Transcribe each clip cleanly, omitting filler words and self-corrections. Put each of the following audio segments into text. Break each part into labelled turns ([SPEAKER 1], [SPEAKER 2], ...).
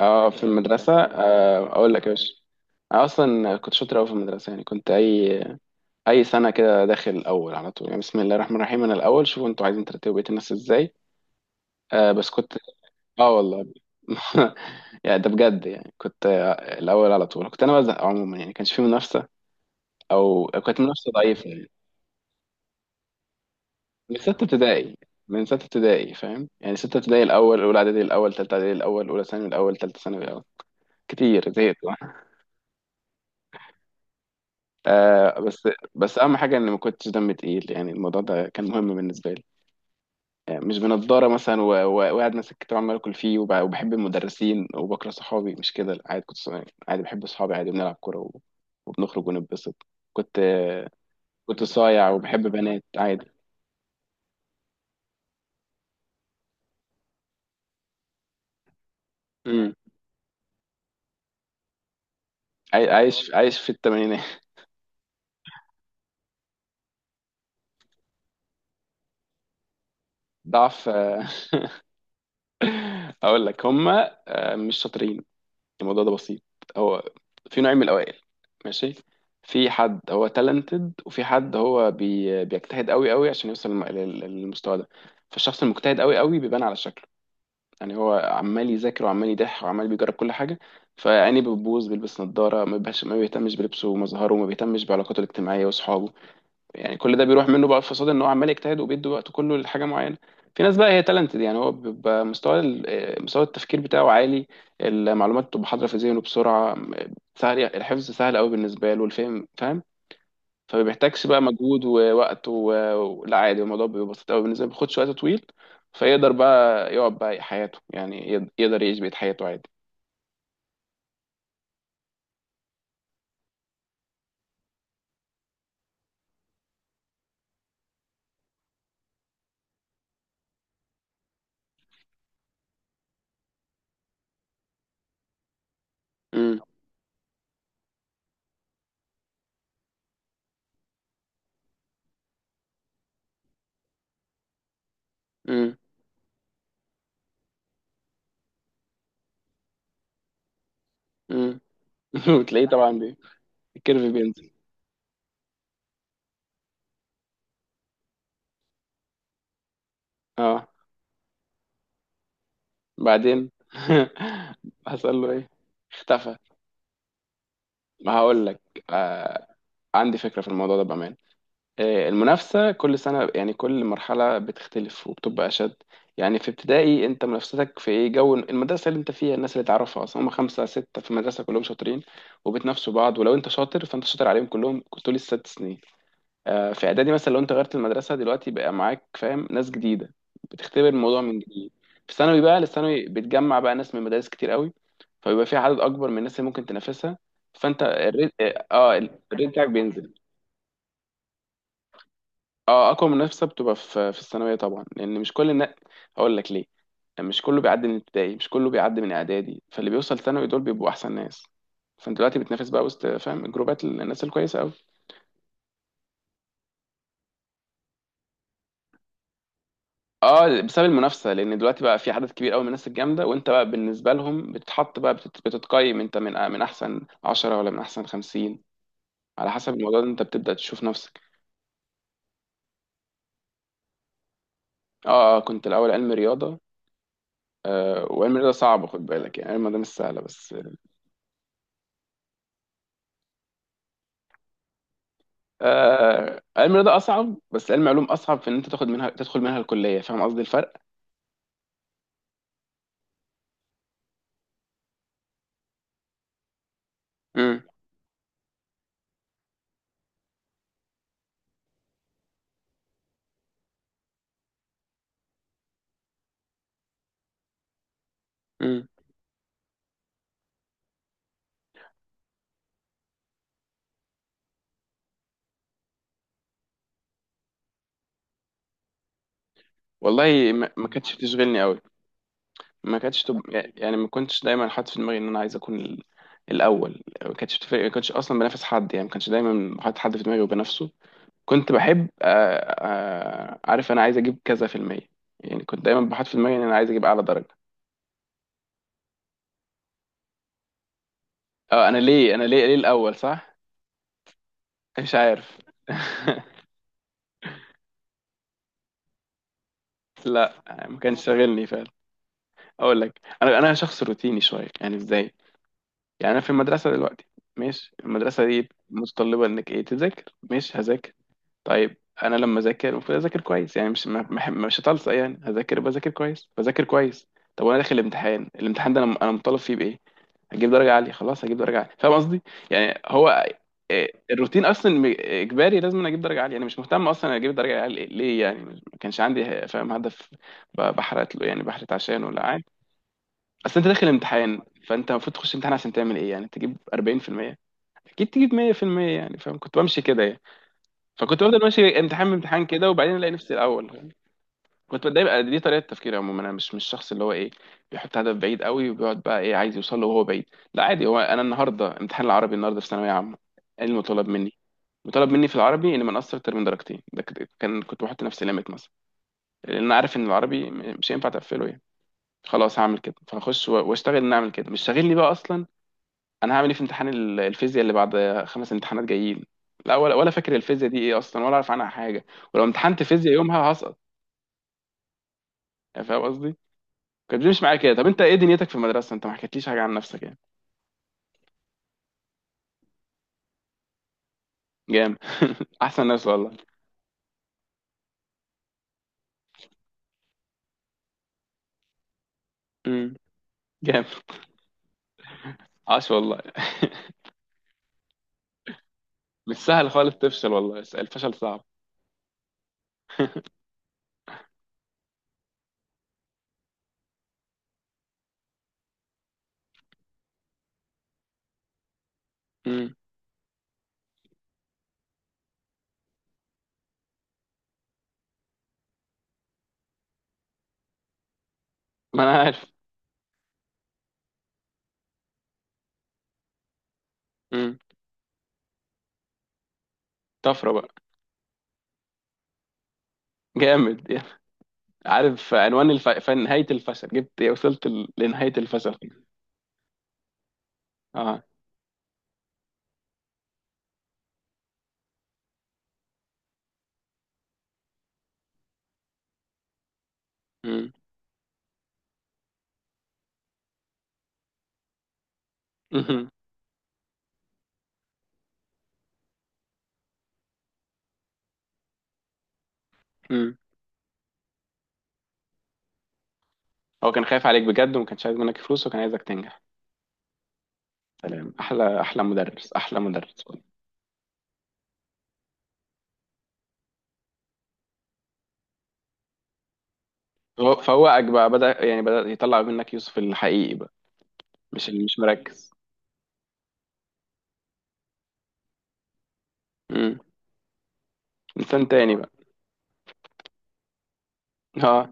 [SPEAKER 1] اه في المدرسة اقول لك يا باشا. انا اصلا كنت شاطر قوي في المدرسة، يعني كنت اي سنة كده داخل الاول على طول. يعني بسم الله الرحمن الرحيم، انا الاول، شوفوا انتوا عايزين ترتبوا بقية الناس ازاي. بس كنت، اه والله. يعني ده بجد، يعني كنت، الاول على طول، كنت انا بزهق عموما. يعني كانش في منافسة او كانت منافسة ضعيفة يعني. من ستة ابتدائي، من ستة ابتدائي. فاهم؟ يعني ستة ابتدائي الاول، اولى اعدادي الاول، تالتة اعدادي الاول، اولى ثانوي الاول، تالتة ثانوي الاول. كتير زهقت. آه بس بس اهم حاجه اني ما كنتش دمي تقيل، يعني الموضوع ده كان مهم بالنسبه لي. يعني مش بنضاره مثلا وقاعد ماسك كتاب عمال اكل فيه، وبحب المدرسين وبكره صحابي، مش كده، لا، عادي كنت صايع. عادي بحب صحابي، عادي بنلعب كوره وبنخرج ونتبسط. كنت آه، كنت صايع وبحب بنات عادي. امم. عايش في الثمانينات. ضعف، اقول لك هما، مش شاطرين. الموضوع ده بسيط، هو في نوعين من الاوائل. ماشي. في حد هو تالنتد، وفي حد هو بيجتهد قوي قوي عشان يوصل للمستوى ده. فالشخص المجتهد قوي قوي بيبان على شكله. يعني هو عمال يذاكر، وعمال يضح، وعمال بيجرب كل حاجه. فعيني بتبوظ، بيلبس نظاره، ما بيهتمش بلبسه ومظهره، وما بيهتمش بعلاقاته الاجتماعيه واصحابه. يعني كل ده بيروح منه، بقى في فساد ان هو عمال يجتهد وبيدي وقته كله لحاجه معينه. في ناس بقى هي تالنتد، يعني هو بيبقى مستوى مستوى التفكير بتاعه عالي. المعلومات بتبقى حاضره في ذهنه بسرعه. سهل يعني، الحفظ سهل قوي بالنسبه له، والفهم فاهم. فما بيحتاجش بقى مجهود ووقت و... لا عادي، الموضوع بيبقى بسيط قوي بالنسبه له، ما بياخدش وقت طويل. فيقدر بقى يقعد بقى حياته، يعني يقدر يعيش بقية حياته عادي. امم. امم. امم. وتلاقيه طبعا بي... الكيرف بينزل. اه. بعدين. حصل له ايه؟ اختفى. ما هقول لك. آه، عندي فكرة في الموضوع ده بأمان. آه، المنافسة كل سنة، يعني كل مرحلة بتختلف وبتبقى أشد. يعني في ابتدائي، أنت منافستك في إيه؟ جو المدرسة اللي أنت فيها، الناس اللي تعرفها أصلا هم خمسة ستة في المدرسة كلهم شاطرين، وبتنافسوا بعض. ولو أنت شاطر، فأنت شاطر عليهم كلهم طول الست سنين. في اعدادي مثلا، لو انت غيرت المدرسه دلوقتي، بقى معاك فاهم ناس جديده، بتختبر الموضوع من جديد. في ثانوي بقى، الثانوي بتجمع بقى ناس من مدارس كتير قوي، فبيبقى في عدد اكبر من الناس اللي ممكن تنافسها. فانت الريت، اه، الريت بتاعك بينزل. اه، اقوى منافسه بتبقى في الثانويه طبعا، لان مش كل الناس، هقول لك ليه، مش كله بيعدي من ابتدائي، مش كله بيعدي من اعدادي، فاللي بيوصل ثانوي دول بيبقوا احسن ناس. فانت دلوقتي بتنافس بقى وسط، فاهم، جروبات الناس الكويسه قوي. اه، بسبب المنافسه، لان دلوقتي بقى في عدد كبير قوي من الناس الجامده، وانت بقى بالنسبه لهم بتتحط بقى، بتتقيم انت من، من احسن 10 ولا من احسن 50. على حسب الموضوع ده انت بتبدا تشوف نفسك. اه، كنت الاول علم رياضه. آه، وعلم رياضه صعب، خد بالك، يعني علم رياضه مش سهله بس. آه، علم رياضه اصعب، بس علم علوم اصعب في ان انت تاخد منها، تدخل منها الكليه. فاهم قصدي الفرق؟ امم. امم. والله ما كانتش بتشغلني قوي. ما كانتش تب... يعني ما كنتش دايما حاطط في دماغي ان انا عايز اكون الاول. ما كانتش بتفرق، ما كنتش اصلا بنافس حد، يعني ما كانش دايما حاطط حد في دماغي وبنافسه. كنت بحب آه، آه، عارف انا عايز اجيب كذا في المية. يعني كنت دايما بحط في دماغي ان انا عايز اجيب اعلى درجة. اه، انا ليه الاول صح؟ مش عارف. لا، ما كانش شاغلني فعلا. اقول لك، انا شخص روتيني شويه. يعني ازاي؟ يعني انا في المدرسه دلوقتي، ماشي، المدرسه دي متطلبه انك ايه، تذاكر، ماشي هذاكر. طيب، انا لما اذاكر المفروض اذاكر كويس، يعني مش مش هتلصق، يعني هذاكر، بذاكر كويس، بذاكر كويس. طب وانا داخل الامتحان، الامتحان ده انا مطالب فيه بايه؟ هجيب درجه عاليه، خلاص هجيب درجه عاليه، فاهم قصدي؟ يعني هو، إيه، الروتين اصلا اجباري، لازم أنا اجيب درجه عاليه. انا مش مهتم اصلا اجيب درجه عاليه ليه، يعني ما كانش عندي فاهم هدف، بحرت له، يعني بحرت عشانه، لا. اصل انت داخل امتحان، فانت المفروض تخش امتحان عشان تعمل ايه، يعني تجيب 40%؟ اكيد تجيب 100%، يعني فاهم، كنت بمشي كده يعني. فكنت بفضل ماشي امتحان بامتحان كده، وبعدين الاقي نفسي الاول، فاهم؟ كنت دايما، دي طريقه تفكيري عموما. انا مش الشخص اللي هو ايه، بيحط هدف بعيد قوي وبيقعد بقى ايه، عايز يوصل له وهو بعيد. لا عادي، هو انا النهارده امتحان العربي، النهارده في ثانويه عامه، ايه المطالب مني؟ مطالب مني في العربي اني ما نقصر اكتر من درجتين. ده كده- كان كنت بحط نفسي ليميت مثلا، لان انا عارف ان العربي مش هينفع تقفله يعني، خلاص هعمل كده. فاخش واشتغل ان اعمل كده، مش شاغلني بقى اصلا. انا هعمل ايه في امتحان الفيزياء اللي بعد؟ خمس امتحانات جايين. لا ولا فاكر الفيزياء دي ايه اصلا، ولا اعرف عنها حاجه. ولو امتحنت فيزياء يومها هسقط. يعني فاهم قصدي؟ كانت بتمشي معايا كده. طب انت ايه دنيتك في المدرسه؟ انت ما حكيتليش حاجه عن نفسك يعني. جامد. احسن ناس والله. امم. جامد. عاش والله. مش سهل خالص تفشل، والله الفشل صعب. امم. ما انا عارف. امم. طفره بقى. جامد يعني. عارف عنوان نهايه الفشل؟ جبت إيه؟ وصلت لنهايه الفشل. اه. امم. هو كان خايف عليك بجد، وما كانش عايز منك فلوس، وكان عايزك تنجح. سلام، احلى مدرس، احلى مدرس. هو فوقك بقى، بدأ يعني بدأ يطلع منك يوسف الحقيقي بقى، مش اللي مش مركز. امم. انسان تاني بقى. اه.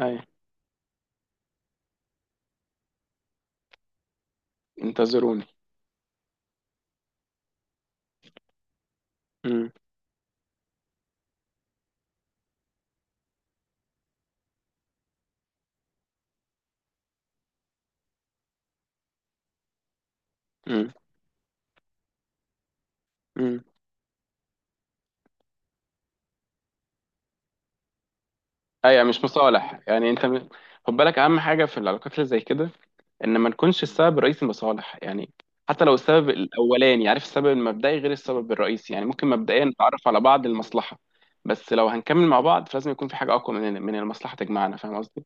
[SPEAKER 1] اي. انتظروني. امم. امم. ايوه، مش مصالح، يعني خد بالك، اهم حاجه في العلاقات اللي زي كده، ان ما نكونش السبب الرئيسي مصالح يعني. حتى لو السبب الاولاني، عارف، السبب المبدئي غير السبب الرئيسي، يعني ممكن مبدئيا نتعرف على بعض المصلحه. بس لو هنكمل مع بعض، فلازم يكون في حاجه اقوى من المصلحه تجمعنا، فاهم قصدي؟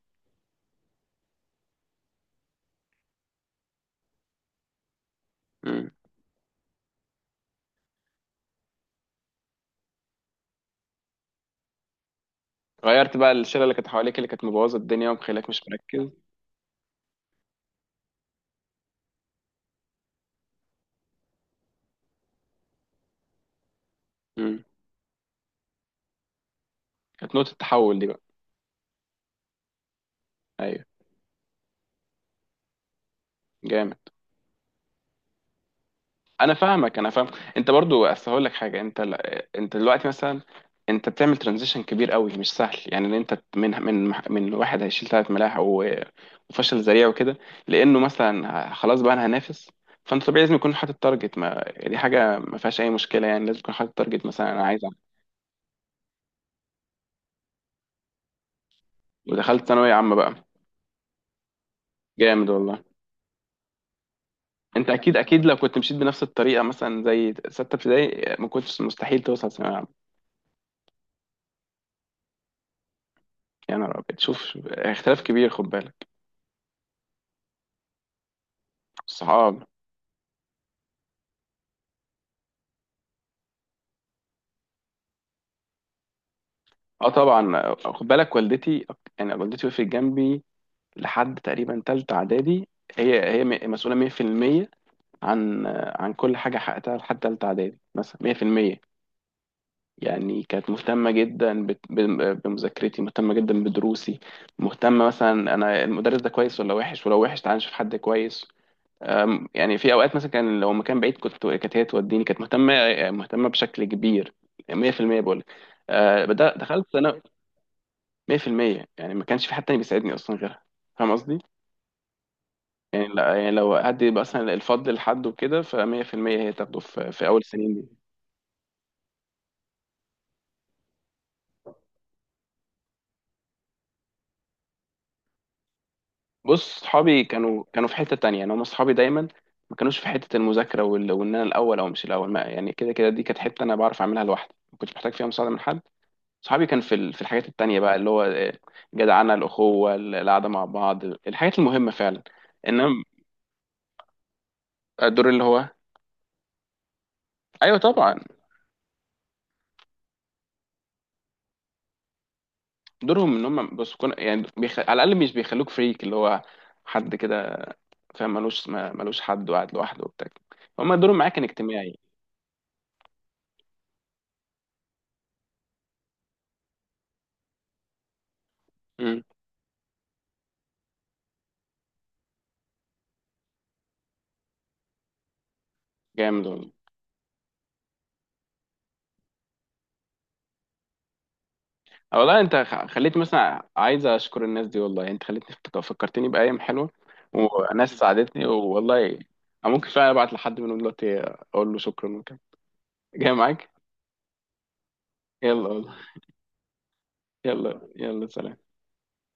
[SPEAKER 1] امم. غيرت بقى الشله اللي كانت حواليك، اللي كانت مبوظه الدنيا ومخليك مش مركز. امم. كانت نقطه التحول دي بقى. ايوه. جامد. انا فاهمك، انا فاهم. انت برضو اصل هقول لك حاجه، انت دلوقتي مثلا، انت بتعمل ترانزيشن كبير قوي، مش سهل يعني. ان انت من واحد هيشيل ثلاث ملاحق وفشل ذريع وكده، لانه مثلا خلاص بقى انا هنافس. فانت طبيعي لازم يكون حاطط تارجت، ما دي حاجه ما فيهاش اي مشكله، يعني لازم يكون حاطط تارجت، مثلا انا عايز اعمل. ودخلت ثانويه عامه بقى. جامد والله. انت اكيد، اكيد لو كنت مشيت بنفس الطريقه مثلا زي سته ابتدائي، ما كنتش، مستحيل توصل ثانويه عامه. يا نهار ابيض، شوف اختلاف كبير، خد بالك. الصحاب. اه طبعا، خد بالك، والدتي، يعني والدتي وقفت جنبي لحد تقريبا تالتة اعدادي. هي مسؤوله 100% عن، عن كل حاجه حققتها لحد تالتة اعدادي، مثلا 100%. يعني كانت مهتمه جدا بمذاكرتي، مهتمه جدا بدروسي، مهتمه مثلا، انا المدرس ده كويس ولا وحش، ولو وحش تعالى نشوف حد كويس. يعني في اوقات مثلا كان لو مكان بعيد كنت، كانت هي توديني، كانت مهتمه، مهتمه بشكل كبير، 100% بقول لك. دخلت ثانوي. 100%، يعني ما كانش في حد تاني بيساعدني اصلا غيرها، فاهم قصدي؟ يعني لا، يعني لو حد يبقى مثلا الفضل لحد وكده، ف100% هي تاخده في اول السنين دي. بص صحابي كانوا في حتة تانية، يعني هم صحابي دايما، ما كانوش في حتة المذاكرة وان انا الاول او مش الاول، ما يعني كده كده، دي كانت حتة انا بعرف اعملها لوحدي، ما كنتش محتاج فيها مساعدة من حد. صحابي كان في في الحاجات التانية بقى، اللي هو جدعنة، الاخوة، القعدة مع بعض، الحاجات المهمة فعلا. انما الدور اللي هو، ايوه طبعا، دورهم ان هم بس كون، يعني على الاقل مش بيخلوك فريك، اللي هو حد كده، فاهم ملوش، ملوش حد وقاعد لوحده وبتاع. هم دورهم معاك كان اجتماعي. امم. جامد والله. آه والله، انت خليت مثلا، عايز اشكر الناس دي والله، يعني انت خليتني فكرتني بايام حلوه وناس ساعدتني والله. أنا ممكن فعلا ابعت لحد منهم دلوقتي اقول له شكرا وكده. جاي معاك. يلا والله. يلا يلا سلام.